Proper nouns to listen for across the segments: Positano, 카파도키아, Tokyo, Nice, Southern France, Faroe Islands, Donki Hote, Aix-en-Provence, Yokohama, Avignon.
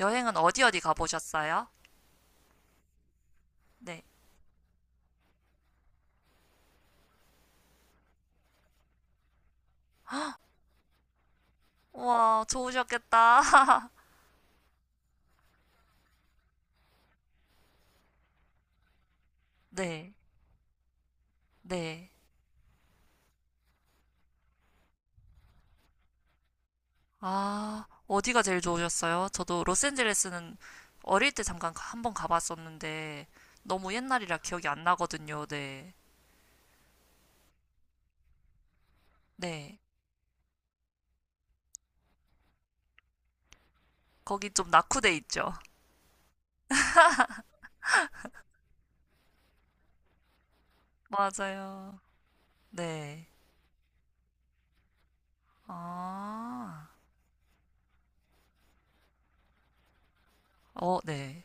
여행은 어디 어디 가보셨어요? 네. 우와, 좋으셨겠다. 네, 네. 아, 어디가 제일 좋으셨어요? 저도 로스앤젤레스는 어릴 때 잠깐 한번 가봤었는데 너무 옛날이라 기억이 안 나거든요. 네, 네. 거기 좀 낙후돼 있죠. 맞아요. 네. 아, 네.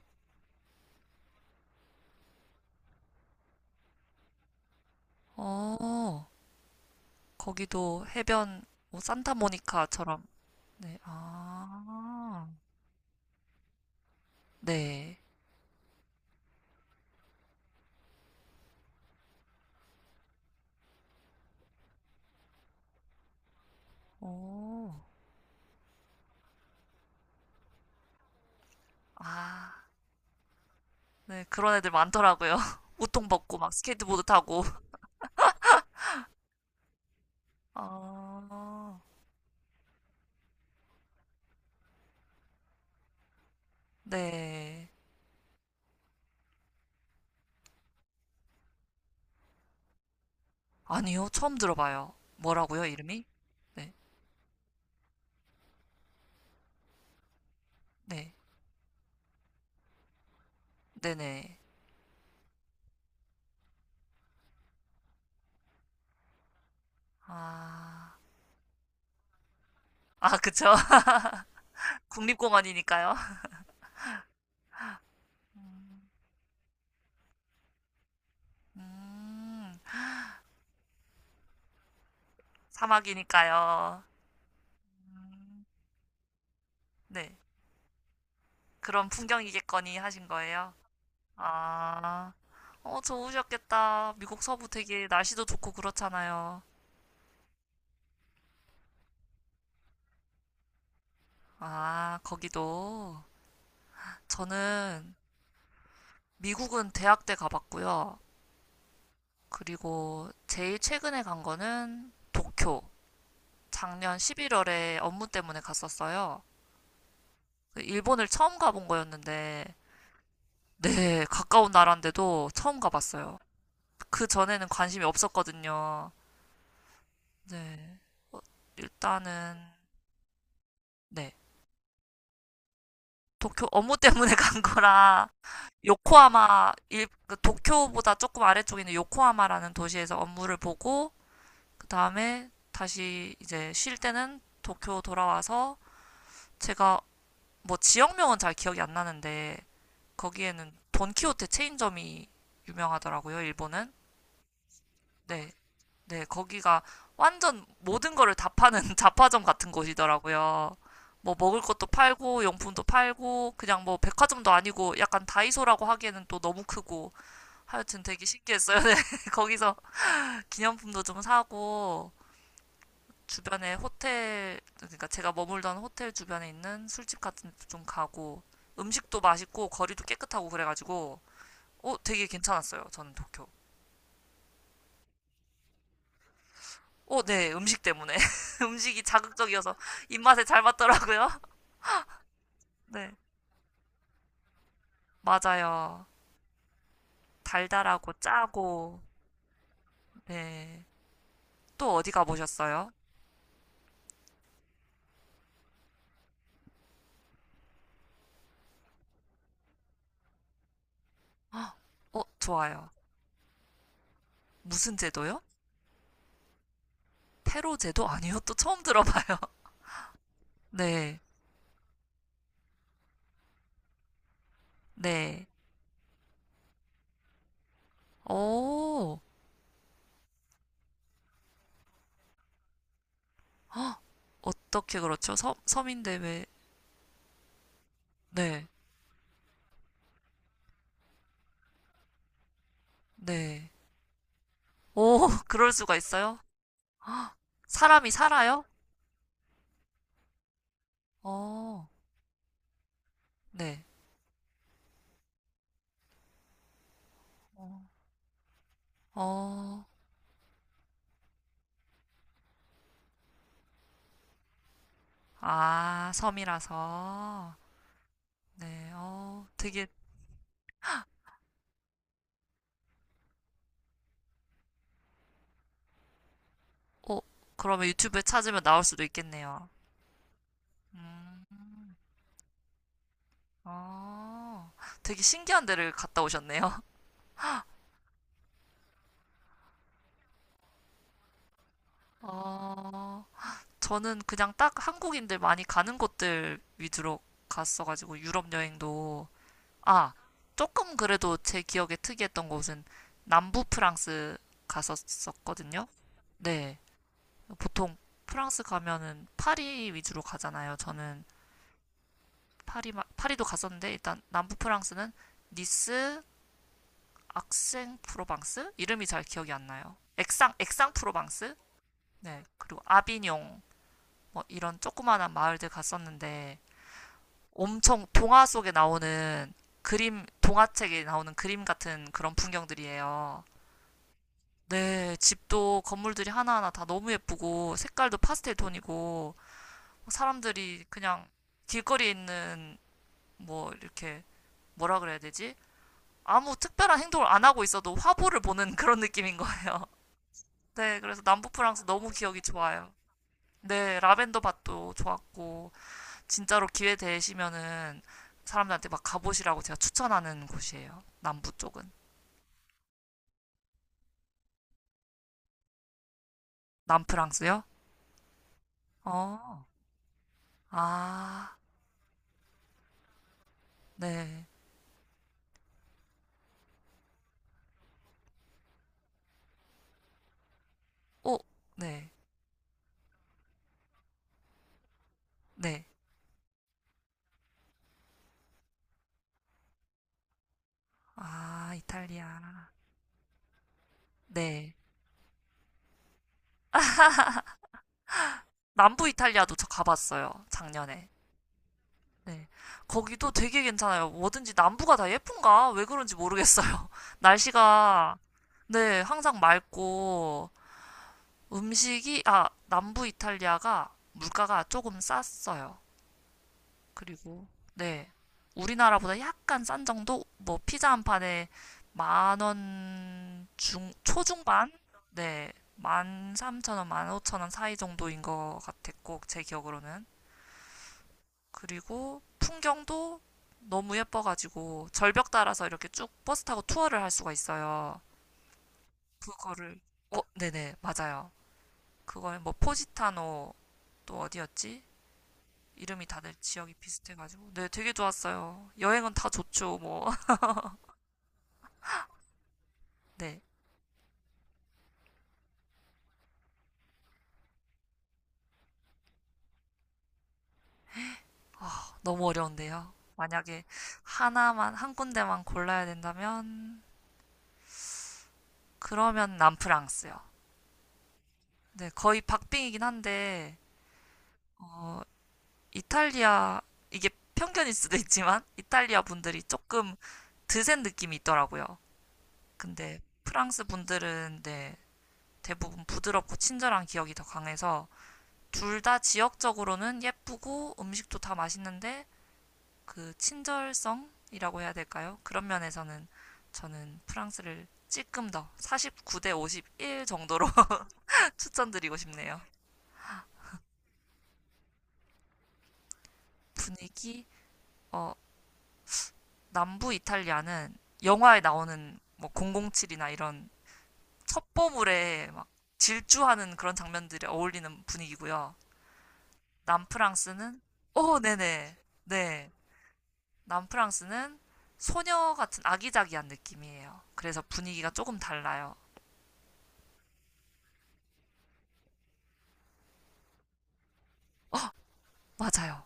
어, 거기도 해변, 뭐 산타모니카처럼. 네, 아, 네. 오. 아, 네, 그런 애들 많더라고요. 웃통 벗고 막 스케이트보드 타고. 아, 네. 아니요, 처음 들어봐요. 뭐라고요, 이름이? 네, 네, 네네. 아, 아, 그쵸. 국립공원이니까요. 음, 음, 사막이니까요. 음, 네, 그런 풍경이겠거니 하신 거예요. 아, 좋으셨겠다. 미국 서부 되게 날씨도 좋고 그렇잖아요. 아, 거기도. 저는 미국은 대학 때 가봤고요. 그리고 제일 최근에 간 거는 도쿄. 작년 11월에 업무 때문에 갔었어요. 그 일본을 처음 가본 거였는데, 네, 가까운 나라인데도 처음 가봤어요. 그 전에는 관심이 없었거든요. 네, 어, 일단은, 네. 도쿄 업무 때문에 간 거라, 요코하마, 그 도쿄보다 조금 아래쪽에 있는 요코하마라는 도시에서 업무를 보고, 그 다음에 다시 이제 쉴 때는 도쿄 돌아와서 제가 뭐 지역명은 잘 기억이 안 나는데 거기에는 돈키호테 체인점이 유명하더라고요, 일본은. 네, 네, 거기가 완전 모든 거를 다 파는 잡화점 같은 곳이더라고요. 뭐 먹을 것도 팔고 용품도 팔고 그냥 뭐 백화점도 아니고 약간 다이소라고 하기에는 또 너무 크고 하여튼 되게 신기했어요. 네, 거기서 기념품도 좀 사고 주변에 호텔, 그러니까 제가 머물던 호텔 주변에 있는 술집 같은 데도 좀 가고, 음식도 맛있고, 거리도 깨끗하고 그래가지고, 되게 괜찮았어요. 저는 도쿄. 네, 음식 때문에. 음식이 자극적이어서 입맛에 잘 맞더라고요. 네, 맞아요. 달달하고 짜고, 네. 또 어디 가보셨어요? 헉, 좋아요. 무슨 제도요? 페로 제도 아니요? 또 처음 들어봐요. 네, 네. 오, 어떻게 그렇죠? 서민대회. 네, 네. 오, 그럴 수가 있어요? 헉, 사람이 살아요? 어, 네. 어, 아, 섬이라서. 네, 어, 그러면 유튜브에 찾으면 나올 수도 있겠네요. 음, 어, 되게 신기한 데를 갔다 오셨네요. 어, 저는 그냥 딱 한국인들 많이 가는 곳들 위주로 갔어가지고 유럽 여행도 아, 조금 그래도 제 기억에 특이했던 곳은 남부 프랑스 갔었었거든요. 네. 보통 프랑스 가면은 파리 위주로 가잖아요. 저는 파리, 파리도 갔었는데 일단 남부 프랑스는 니스, 악생 프로방스? 이름이 잘 기억이 안 나요. 액상 프로방스? 네. 그리고 아비뇽, 뭐 이런 조그마한 마을들 갔었는데 엄청 동화 속에 나오는 그림, 동화책에 나오는 그림 같은 그런 풍경들이에요. 네, 집도 건물들이 하나하나 다 너무 예쁘고 색깔도 파스텔 톤이고 사람들이 그냥 길거리에 있는 뭐 이렇게 뭐라 그래야 되지? 아무 특별한 행동을 안 하고 있어도 화보를 보는 그런 느낌인 거예요. 네, 그래서 남부 프랑스 너무 기억이 좋아요. 네, 라벤더 밭도 좋았고 진짜로 기회 되시면은 사람들한테 막 가보시라고 제가 추천하는 곳이에요. 남부 쪽은. 남프랑스요? 어. 아. 네. 오, 네. 네. 아, 이탈리아. 네. 남부 이탈리아도 저 가봤어요. 작년에. 네. 거기도 되게 괜찮아요. 뭐든지 남부가 다 예쁜가? 왜 그런지 모르겠어요. 날씨가, 네, 항상 맑고, 음식이, 아, 남부 이탈리아가 물가가 조금 쌌어요. 그리고 네. 우리나라보다 약간 싼 정도? 뭐 피자 한 판에 만원 중, 초중반? 네. 13,000원, 15,000원 사이 정도인 것 같았고, 제 기억으로는. 그리고 풍경도 너무 예뻐가지고, 절벽 따라서 이렇게 쭉 버스 타고 투어를 할 수가 있어요. 그거를, 네네, 맞아요. 그걸 뭐 포지타노, 또 어디였지? 이름이 다들 지역이 비슷해가지고. 네, 되게 좋았어요. 여행은 다 좋죠, 뭐. 네, 너무 어려운데요. 만약에 하나만, 한 군데만 골라야 된다면, 그러면 남프랑스요. 네, 거의 박빙이긴 한데, 어, 이탈리아, 이게 편견일 수도 있지만, 이탈리아 분들이 조금 드센 느낌이 있더라고요. 근데 프랑스 분들은, 네, 대부분 부드럽고 친절한 기억이 더 강해서, 둘 다 지역적으로는 예쁘고 음식도 다 맛있는데, 그 친절성이라고 해야 될까요? 그런 면에서는 저는 프랑스를 조금 더 49대 51 정도로 추천드리고 싶네요. 분위기, 어, 남부 이탈리아는 영화에 나오는 뭐 007이나 이런 첩보물에 막 질주하는 그런 장면들이 어울리는 분위기고요. 남프랑스는, 오, 네네. 네. 남프랑스는 소녀 같은 아기자기한 느낌이에요. 그래서 분위기가 조금 달라요. 어, 맞아요.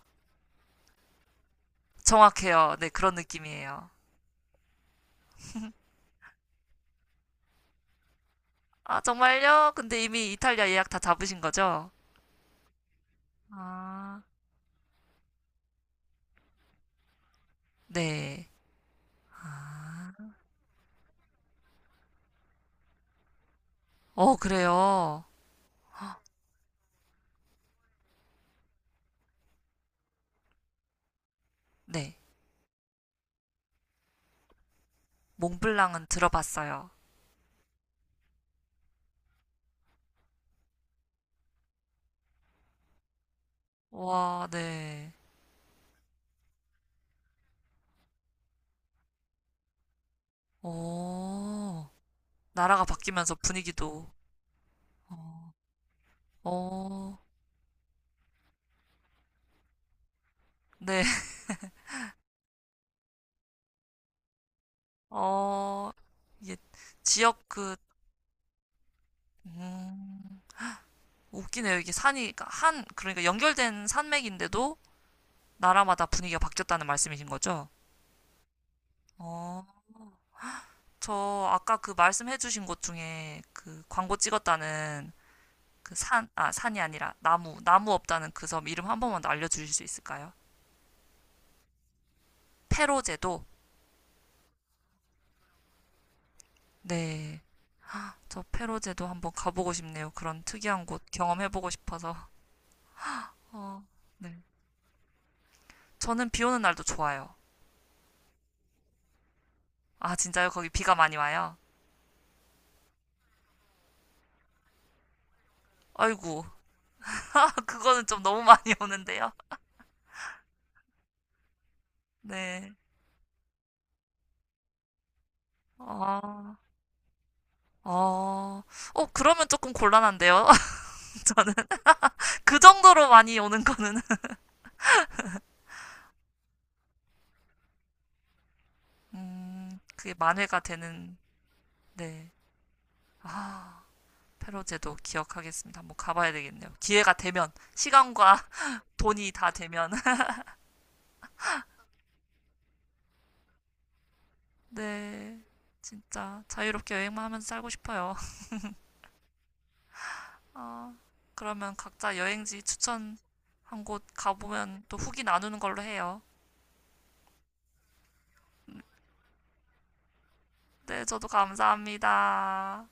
정확해요. 네, 그런 느낌이에요. 아, 정말요? 근데 이미 이탈리아 예약 다 잡으신 거죠? 아, 네. 아, 그래요. 네. 몽블랑은 들어봤어요. 와, 네. 오, 나라가 바뀌면서 분위기도, 어, 어, 네. 어, 이게 지역 음, 웃기네요. 이게 산이, 그러니까 그러니까 연결된 산맥인데도 나라마다 분위기가 바뀌었다는 말씀이신 거죠? 어, 저 아까 그 말씀해주신 곳 중에 그 광고 찍었다는 그 산, 아, 산이 아니라 나무, 나무 없다는 그 섬 이름 한 번만 더 알려주실 수 있을까요? 페로제도? 네. 저 페로제도 한번 가보고 싶네요. 그런 특이한 곳 경험해보고 싶어서. 어, 네. 저는 비 오는 날도 좋아요. 아, 진짜요? 거기 비가 많이 와요? 아이고. 그거는 좀 너무 많이 오는데요? 네. 아, 어, 그러면 조금 곤란한데요? 저는 그 정도로 많이 오는 거는 그게 만회가 되는, 네. 아, 페로제도 기억하겠습니다. 한번 가봐야 되겠네요. 기회가 되면, 시간과 돈이 다 되면. 네, 진짜 자유롭게 여행만 하면서 살고 싶어요. 아, 그러면 각자 여행지 추천 한 곳 가보면 또 후기 나누는 걸로 해요. 음, 네, 저도 감사합니다.